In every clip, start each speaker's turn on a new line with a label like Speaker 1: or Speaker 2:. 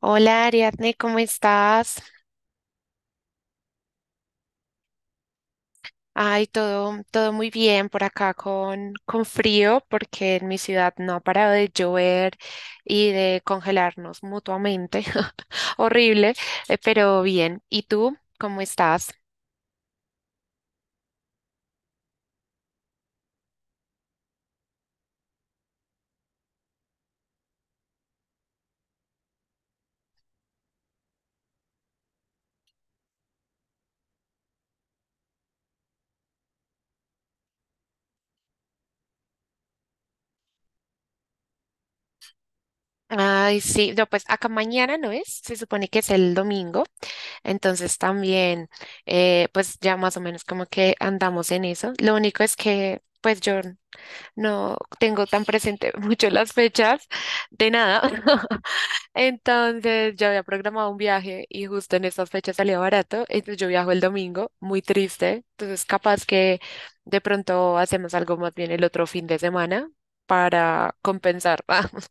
Speaker 1: Hola Ariadne, ¿cómo estás? Ay, todo muy bien por acá con frío porque en mi ciudad no ha parado de llover y de congelarnos mutuamente. Horrible, pero bien. ¿Y tú cómo estás? Ay, sí, no, pues acá mañana no es, se supone que es el domingo, entonces también, pues ya más o menos como que andamos en eso. Lo único es que, pues yo no tengo tan presente mucho las fechas de nada. Entonces yo había programado un viaje y justo en estas fechas salía barato. Entonces yo viajo el domingo, muy triste. Entonces capaz que de pronto hacemos algo más bien el otro fin de semana para compensar.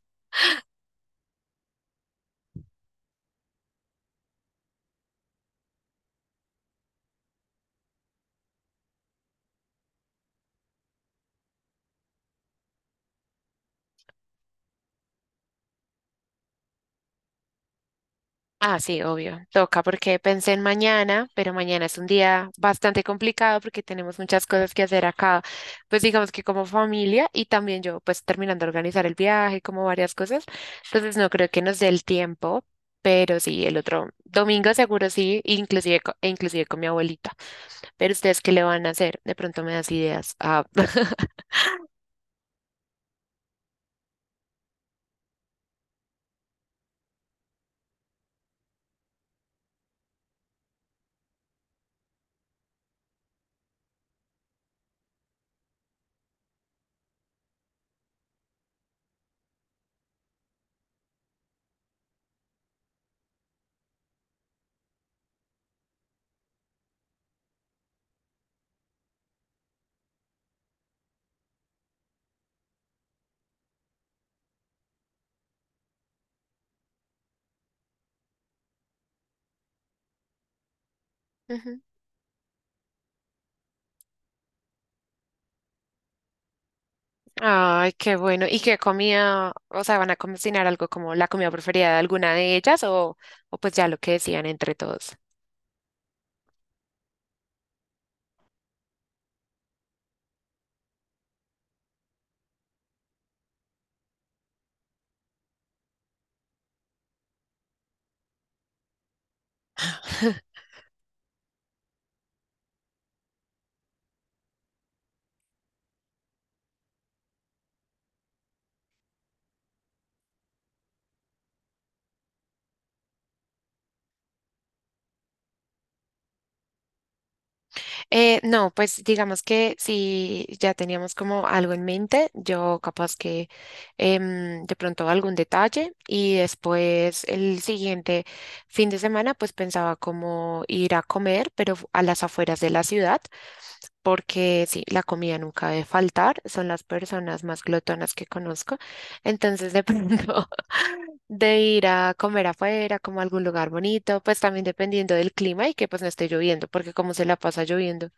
Speaker 1: Ah, sí, obvio. Toca porque pensé en mañana, pero mañana es un día bastante complicado porque tenemos muchas cosas que hacer acá, pues digamos que como familia y también yo, pues terminando de organizar el viaje, como varias cosas. Entonces no creo que nos dé el tiempo, pero sí, el otro domingo seguro sí, inclusive, e inclusive con mi abuelita. Pero ustedes, ¿qué le van a hacer? De pronto me das ideas. Ah. Ay, qué bueno. ¿Y qué comida? O sea, ¿van a cocinar algo como la comida preferida de alguna de ellas o pues ya lo que decían entre todos? No, pues digamos que si ya teníamos como algo en mente, yo capaz que de pronto algún detalle y después el siguiente fin de semana pues pensaba como ir a comer, pero a las afueras de la ciudad, porque sí, la comida nunca debe faltar, son las personas más glotonas que conozco, entonces de pronto de ir a comer afuera, como a algún lugar bonito, pues también dependiendo del clima y que pues no esté lloviendo, porque como se la pasa lloviendo.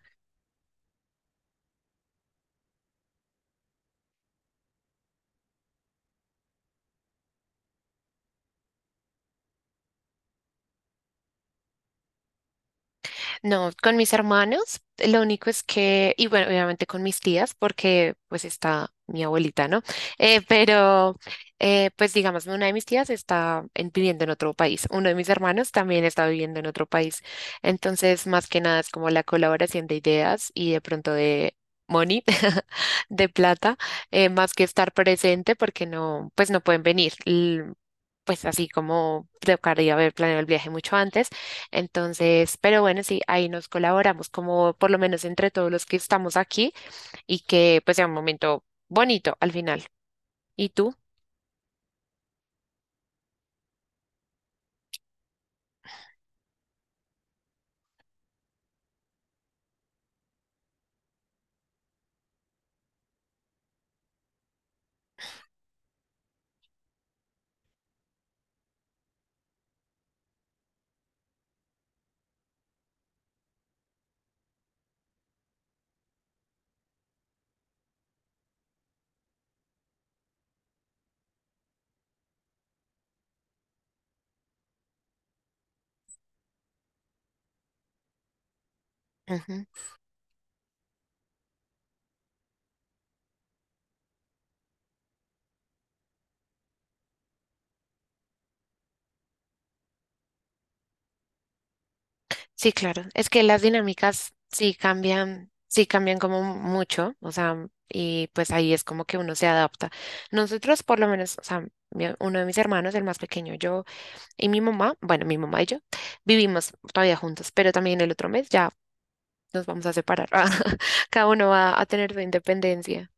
Speaker 1: No, con mis hermanos, lo único es que, y bueno, obviamente con mis tías, porque pues está mi abuelita, ¿no? Pero, pues digamos, una de mis tías está viviendo en otro país, uno de mis hermanos también está viviendo en otro país. Entonces, más que nada es como la colaboración de ideas y de pronto de money, de plata, más que estar presente porque no, pues no pueden venir. L- Pues así como tocaría haber planeado el viaje mucho antes entonces, pero bueno, sí, ahí nos colaboramos como por lo menos entre todos los que estamos aquí y que pues sea un momento bonito al final. ¿Y tú? Ujú. Sí, claro. Es que las dinámicas sí cambian como mucho, o sea, y pues ahí es como que uno se adapta. Nosotros por lo menos, o sea, uno de mis hermanos, el más pequeño, yo y mi mamá, bueno, mi mamá y yo vivimos todavía juntos, pero también el otro mes ya nos vamos a separar. Cada uno va a tener su independencia.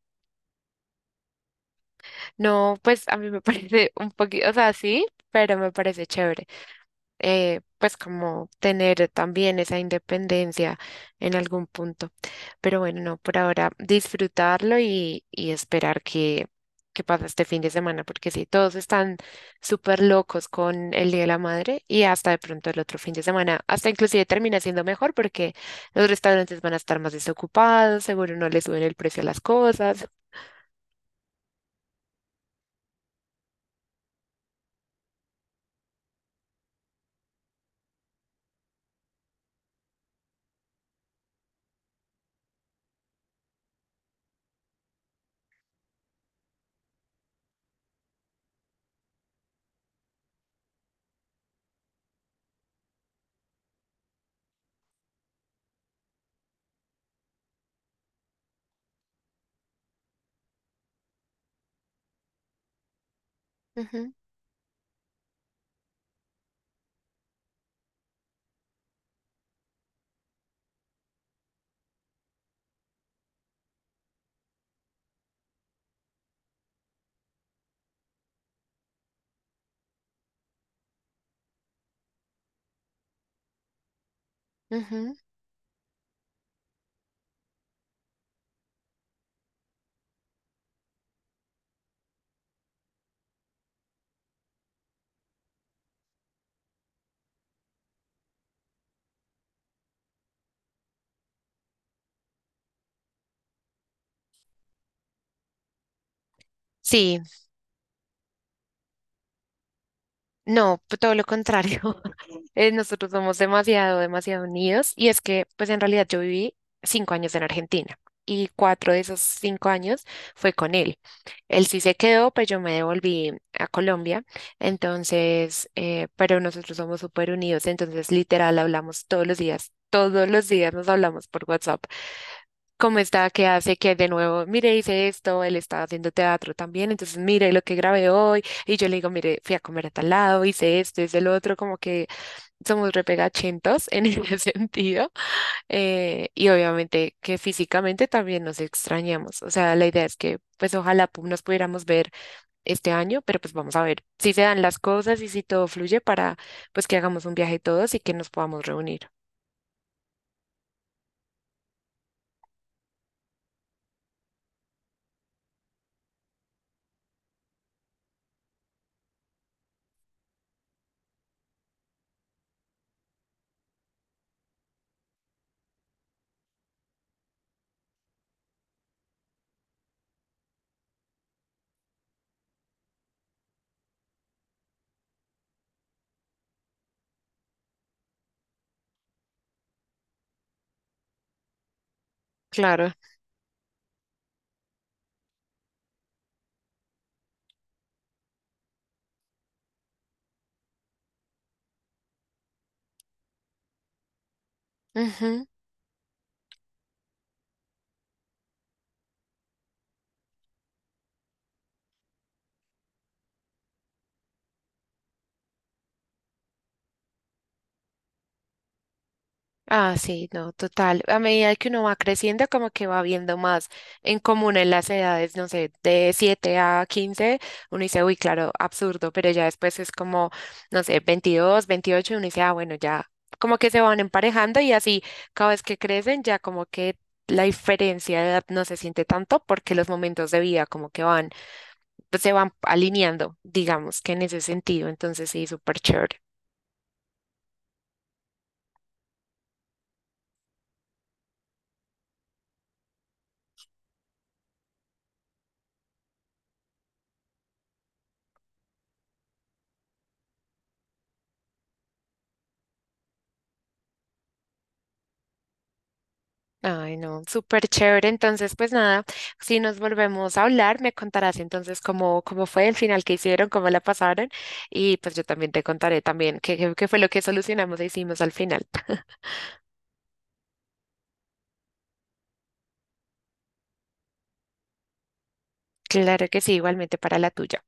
Speaker 1: No, pues a mí me parece un poquito, o sea, sí, pero me parece chévere. Pues como tener también esa independencia en algún punto. Pero bueno, no, por ahora disfrutarlo y esperar que pase este fin de semana, porque sí, todos están súper locos con el Día de la Madre y hasta de pronto el otro fin de semana, hasta inclusive termina siendo mejor porque los restaurantes van a estar más desocupados, seguro no le suben el precio a las cosas. Ujú, ujú. Sí, no, todo lo contrario. Nosotros somos demasiado unidos y es que pues en realidad yo viví 5 años en Argentina y 4 de esos 5 años fue con él. Él sí se quedó, pues yo me devolví a Colombia, entonces, pero nosotros somos súper unidos, entonces literal hablamos todos los días nos hablamos por WhatsApp. ¿Cómo está? ¿Qué hace? Que de nuevo, mire, hice esto, él está haciendo teatro también, entonces mire lo que grabé hoy, y yo le digo, mire, fui a comer a tal lado, hice esto, hice lo otro, como que somos repegachentos en ese sentido y obviamente que físicamente también nos extrañamos. O sea, la idea es que pues ojalá nos pudiéramos ver este año, pero pues vamos a ver si se dan las cosas y si todo fluye para pues que hagamos un viaje todos y que nos podamos reunir. Claro. Ujú. Ah, sí, no, total. A medida que uno va creciendo, como que va viendo más en común en las edades, no sé, de 7 a 15, uno dice, uy, claro, absurdo, pero ya después es como, no sé, 22, 28, uno dice, ah, bueno, ya como que se van emparejando y así cada vez que crecen, ya como que la diferencia de edad no se siente tanto porque los momentos de vida como que van, pues, se van alineando, digamos que en ese sentido, entonces sí, súper chévere. Ay, no, súper chévere. Entonces, pues nada, si nos volvemos a hablar, me contarás entonces cómo, cómo fue el final que hicieron, cómo la pasaron y pues yo también te contaré también qué, qué fue lo que solucionamos e hicimos al final. Claro que sí, igualmente para la tuya.